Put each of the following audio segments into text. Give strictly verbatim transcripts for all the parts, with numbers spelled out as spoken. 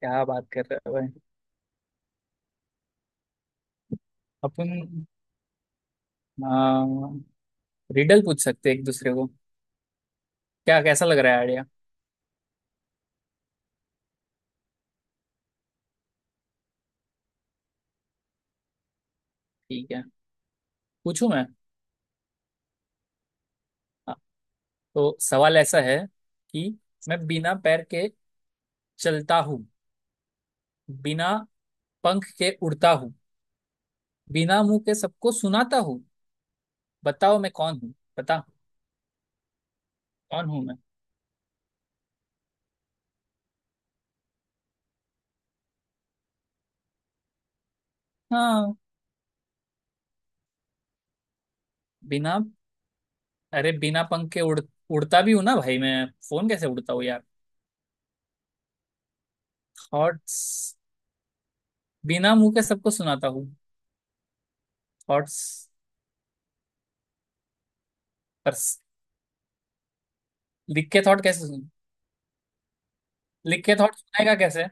क्या बात कर रहे हो भाई। अपन रिडल पूछ सकते हैं एक दूसरे को। क्या कैसा लग रहा है आइडिया। ठीक है। पूछूं मैं। हाँ, तो सवाल ऐसा है कि मैं बिना पैर के चलता हूँ, बिना पंख के उड़ता हूँ, बिना मुंह के सबको सुनाता हूँ। बताओ मैं कौन हूँ। बता। कौन हूँ मैं। हाँ, बिना अरे बिना पंख के उड़ उड़ता भी हूँ ना भाई, मैं फोन कैसे उड़ता हूँ यार। थॉट्स। बिना मुंह के सबको सुनाता हूँ। थॉट्स पर लिख के थॉट कैसे सुन, लिख के थॉट सुनाएगा कैसे।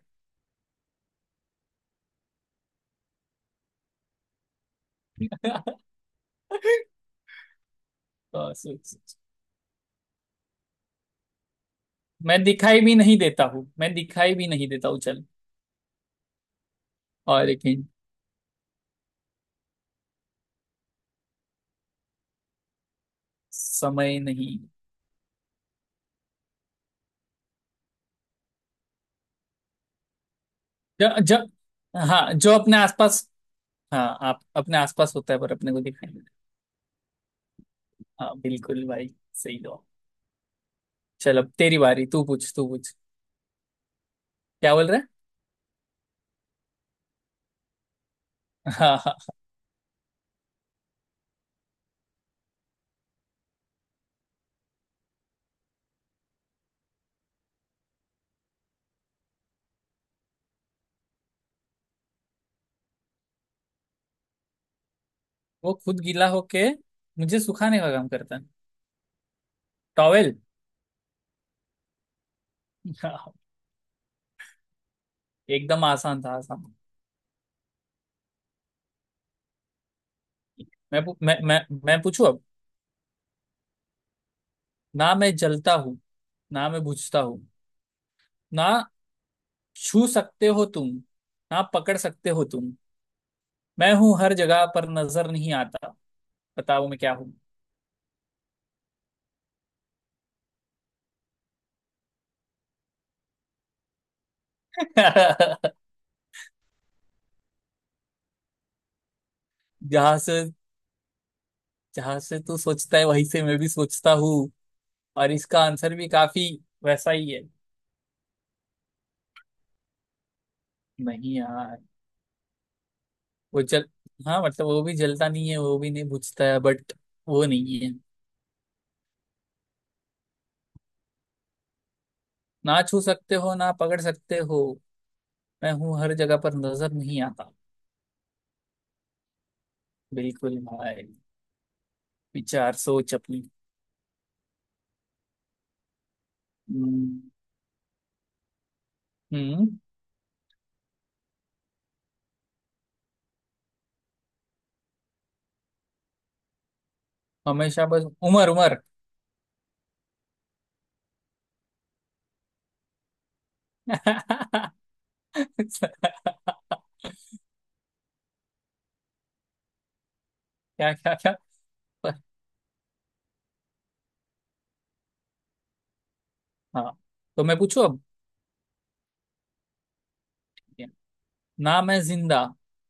और सोच- सोच। मैं दिखाई भी नहीं देता हूँ, मैं दिखाई भी नहीं देता हूँ चल। और एक hint, समय नहीं। ज, ज, हाँ जो अपने आसपास, हाँ आप अपने आसपास होता है पर अपने को दिखाई नहीं देता। हाँ, बिल्कुल भाई। सही जवाब। चल अब तेरी बारी, तू पूछ तू पूछ। क्या बोल रहा है। हाँ हाँ। वो खुद गीला होके मुझे सुखाने का काम करता है। टॉवेल। हाँ, एकदम आसान था, आसान। मैं पू- मैं मैं मैं पूछू अब। ना मैं जलता हूँ, ना मैं बुझता हूँ, ना छू सकते हो तुम, ना पकड़ सकते हो तुम। मैं हूँ हर जगह पर नजर नहीं आता। बताओ मैं क्या हूँ। जहां से, जहां से तू सोचता है वहीं से मैं भी सोचता हूँ। और इसका आंसर भी काफी वैसा ही है। नहीं यार, वो जल हाँ मतलब वो भी जलता नहीं है, वो भी नहीं बुझता है बट वो नहीं है। ना छू सकते हो ना पकड़ सकते हो, मैं हूँ हर जगह पर नजर नहीं आता। बिल्कुल भाई। विचार, सोच अपनी। हम्म। हम्म, हमेशा बस उम्र उम्र। क्या क्या क्या पर। हाँ, तो मैं पूछू अब। ना मैं जिंदा,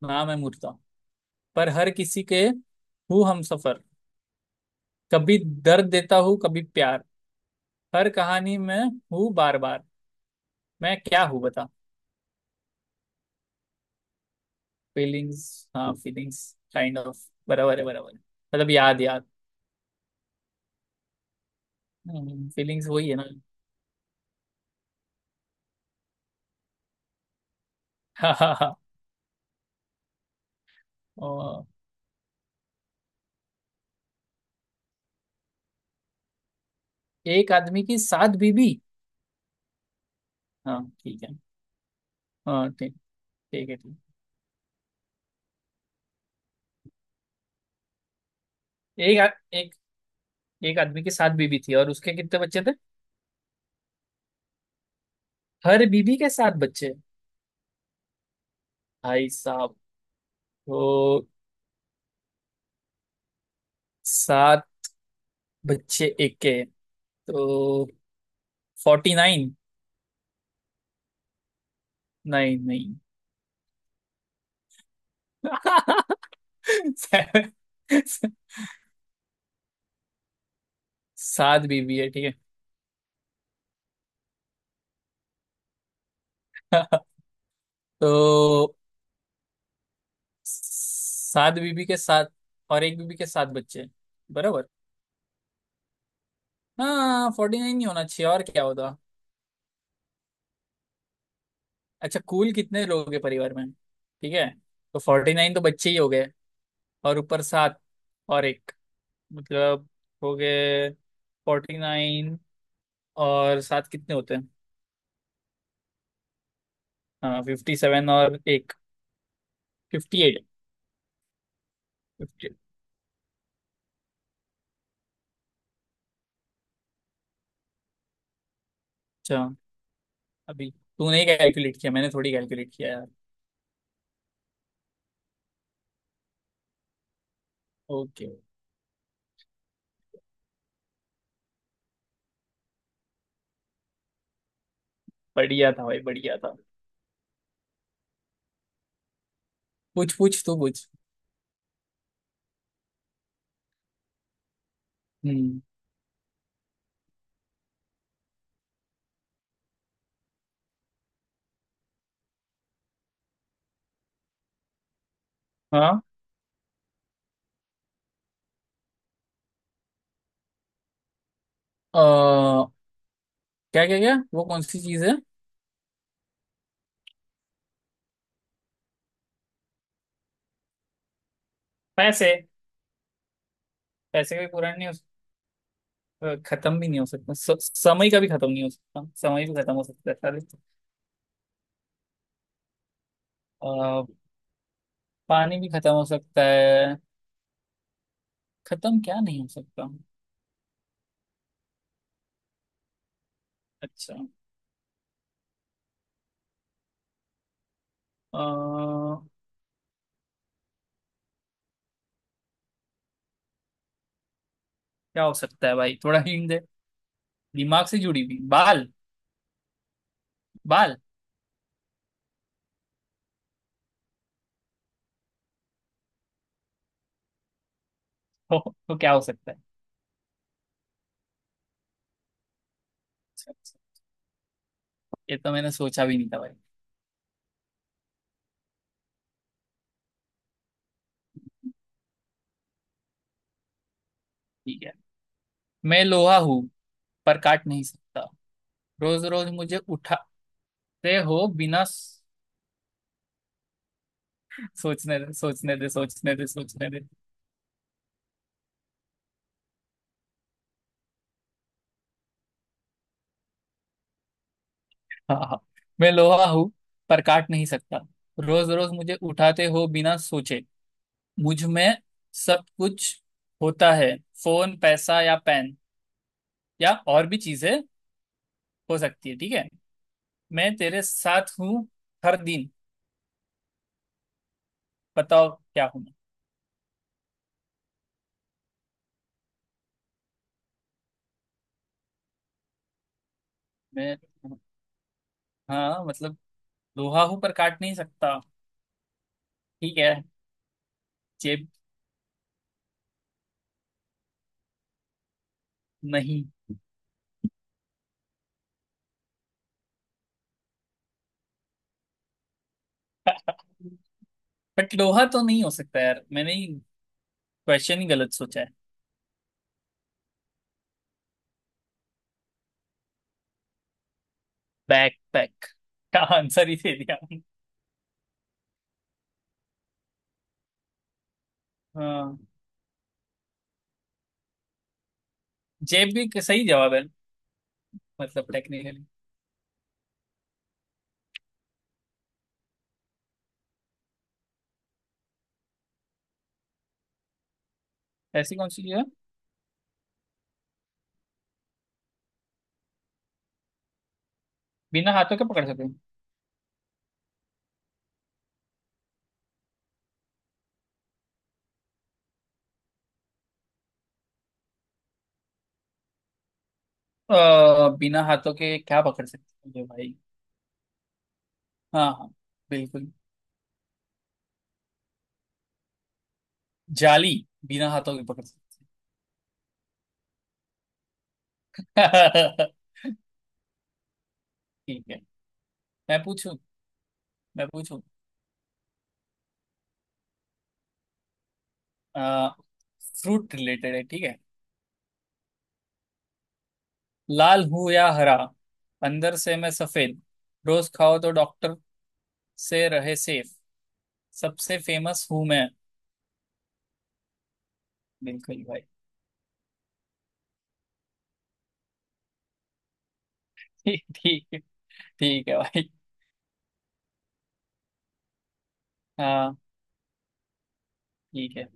ना मैं मुर्दा, पर हर किसी के हूँ हम सफर। कभी दर्द देता हूँ कभी प्यार। हर कहानी में हूँ बार बार। मैं क्या हूँ बता। फीलिंग्स। हाँ फीलिंग्स काइंड ऑफ बराबर है, बराबर है मतलब याद याद। फीलिंग्स वही है ना। हाँ हाँ। हाँ, एक आदमी की सात बीबी। हाँ ठीक है। हाँ ठीक। ठीक है ठीक। एक आ, एक एक आदमी की सात बीबी थी और उसके कितने बच्चे थे। हर बीबी के सात बच्चे। भाई साहब। तो सात बच्चे एक के। तो फोर्टी नाइन। नहीं नहीं। सात बीबी है ठीक है। तो सात बीबी के साथ और एक बीबी के सात बच्चे बराबर। हाँ, फोर्टी नाइन नहीं होना चाहिए, और क्या होता। अच्छा कुल कितने लोग हैं परिवार में, ठीक है। तो फोर्टी नाइन तो बच्चे ही हो गए। और ऊपर सात और एक, मतलब हो गए फोर्टी नाइन और सात कितने होते हैं। हाँ फिफ्टी सेवन और एक, फिफ्टी एट। फिफ्टी। अच्छा। अभी तूने ही कैलकुलेट किया, मैंने थोड़ी कैलकुलेट किया यार। ओके। बढ़िया था भाई, बढ़िया था। पूछ पूछ तू पूछ। हम्म। हाँ। अ, क्या क्या क्या वो कौन सी चीज़ है। पैसे। पैसे कोई पुरानी नहीं। अ, खत्म भी नहीं हो सकता, स- समय का भी खत्म नहीं हो सकता, समय भी खत्म हो सकता है सारे। अ, पानी भी खत्म हो सकता है। खत्म क्या नहीं हो सकता। अच्छा। अ, क्या हो सकता है भाई, थोड़ा हिंट दे। दिमाग से जुड़ी हुई बाल। बाल। हो तो क्या हो सकता है। अच्छा, अच्छा। ये तो मैंने सोचा भी नहीं था भाई। ठीक है। मैं लोहा हूँ पर काट नहीं सकता। रोज रोज मुझे उठाते हो बिना स- सोचने दे, सोचने दे, सोचने दे, सोचने दे। हाँ हाँ। मैं लोहा हूँ पर काट नहीं सकता। रोज रोज मुझे उठाते हो बिना सोचे। मुझ में सब कुछ होता है, फोन पैसा या पेन या और भी चीजें हो सकती है, ठीक है। मैं तेरे साथ हूँ हर दिन। बताओ क्या हूँ। मैं मैं हाँ मतलब लोहा हूँ पर काट नहीं सकता, ठीक है। जेब। नहीं। बट लोहा तो नहीं हो सकता यार, मैंने ही क्वेश्चन ही गलत सोचा है। बैक पैक का आंसर ही दे दिया। हाँ, जेब भी क- सही जवाब है, मतलब टेक्निकली। ऐसी कौन सी चीज है बिना हाथों के पकड़ सकते हैं। अ, बिना हाथों के क्या पकड़ सकते हैं जो भाई। हाँ हाँ। बिल्कुल। जाली बिना हाथों के पकड़ सकते हैं। ठीक है। मैं पूछूं। मैं पूछूं। आ, फ्रूट रिलेटेड है, ठीक है। लाल हूं या हरा, अंदर से मैं सफेद। रोज खाओ तो डॉक्टर से रहे सेफ। सबसे फेमस हूं मैं। बिल्कुल भाई। ठीक, ठीक है। ठीक है भाई। हाँ ठीक है।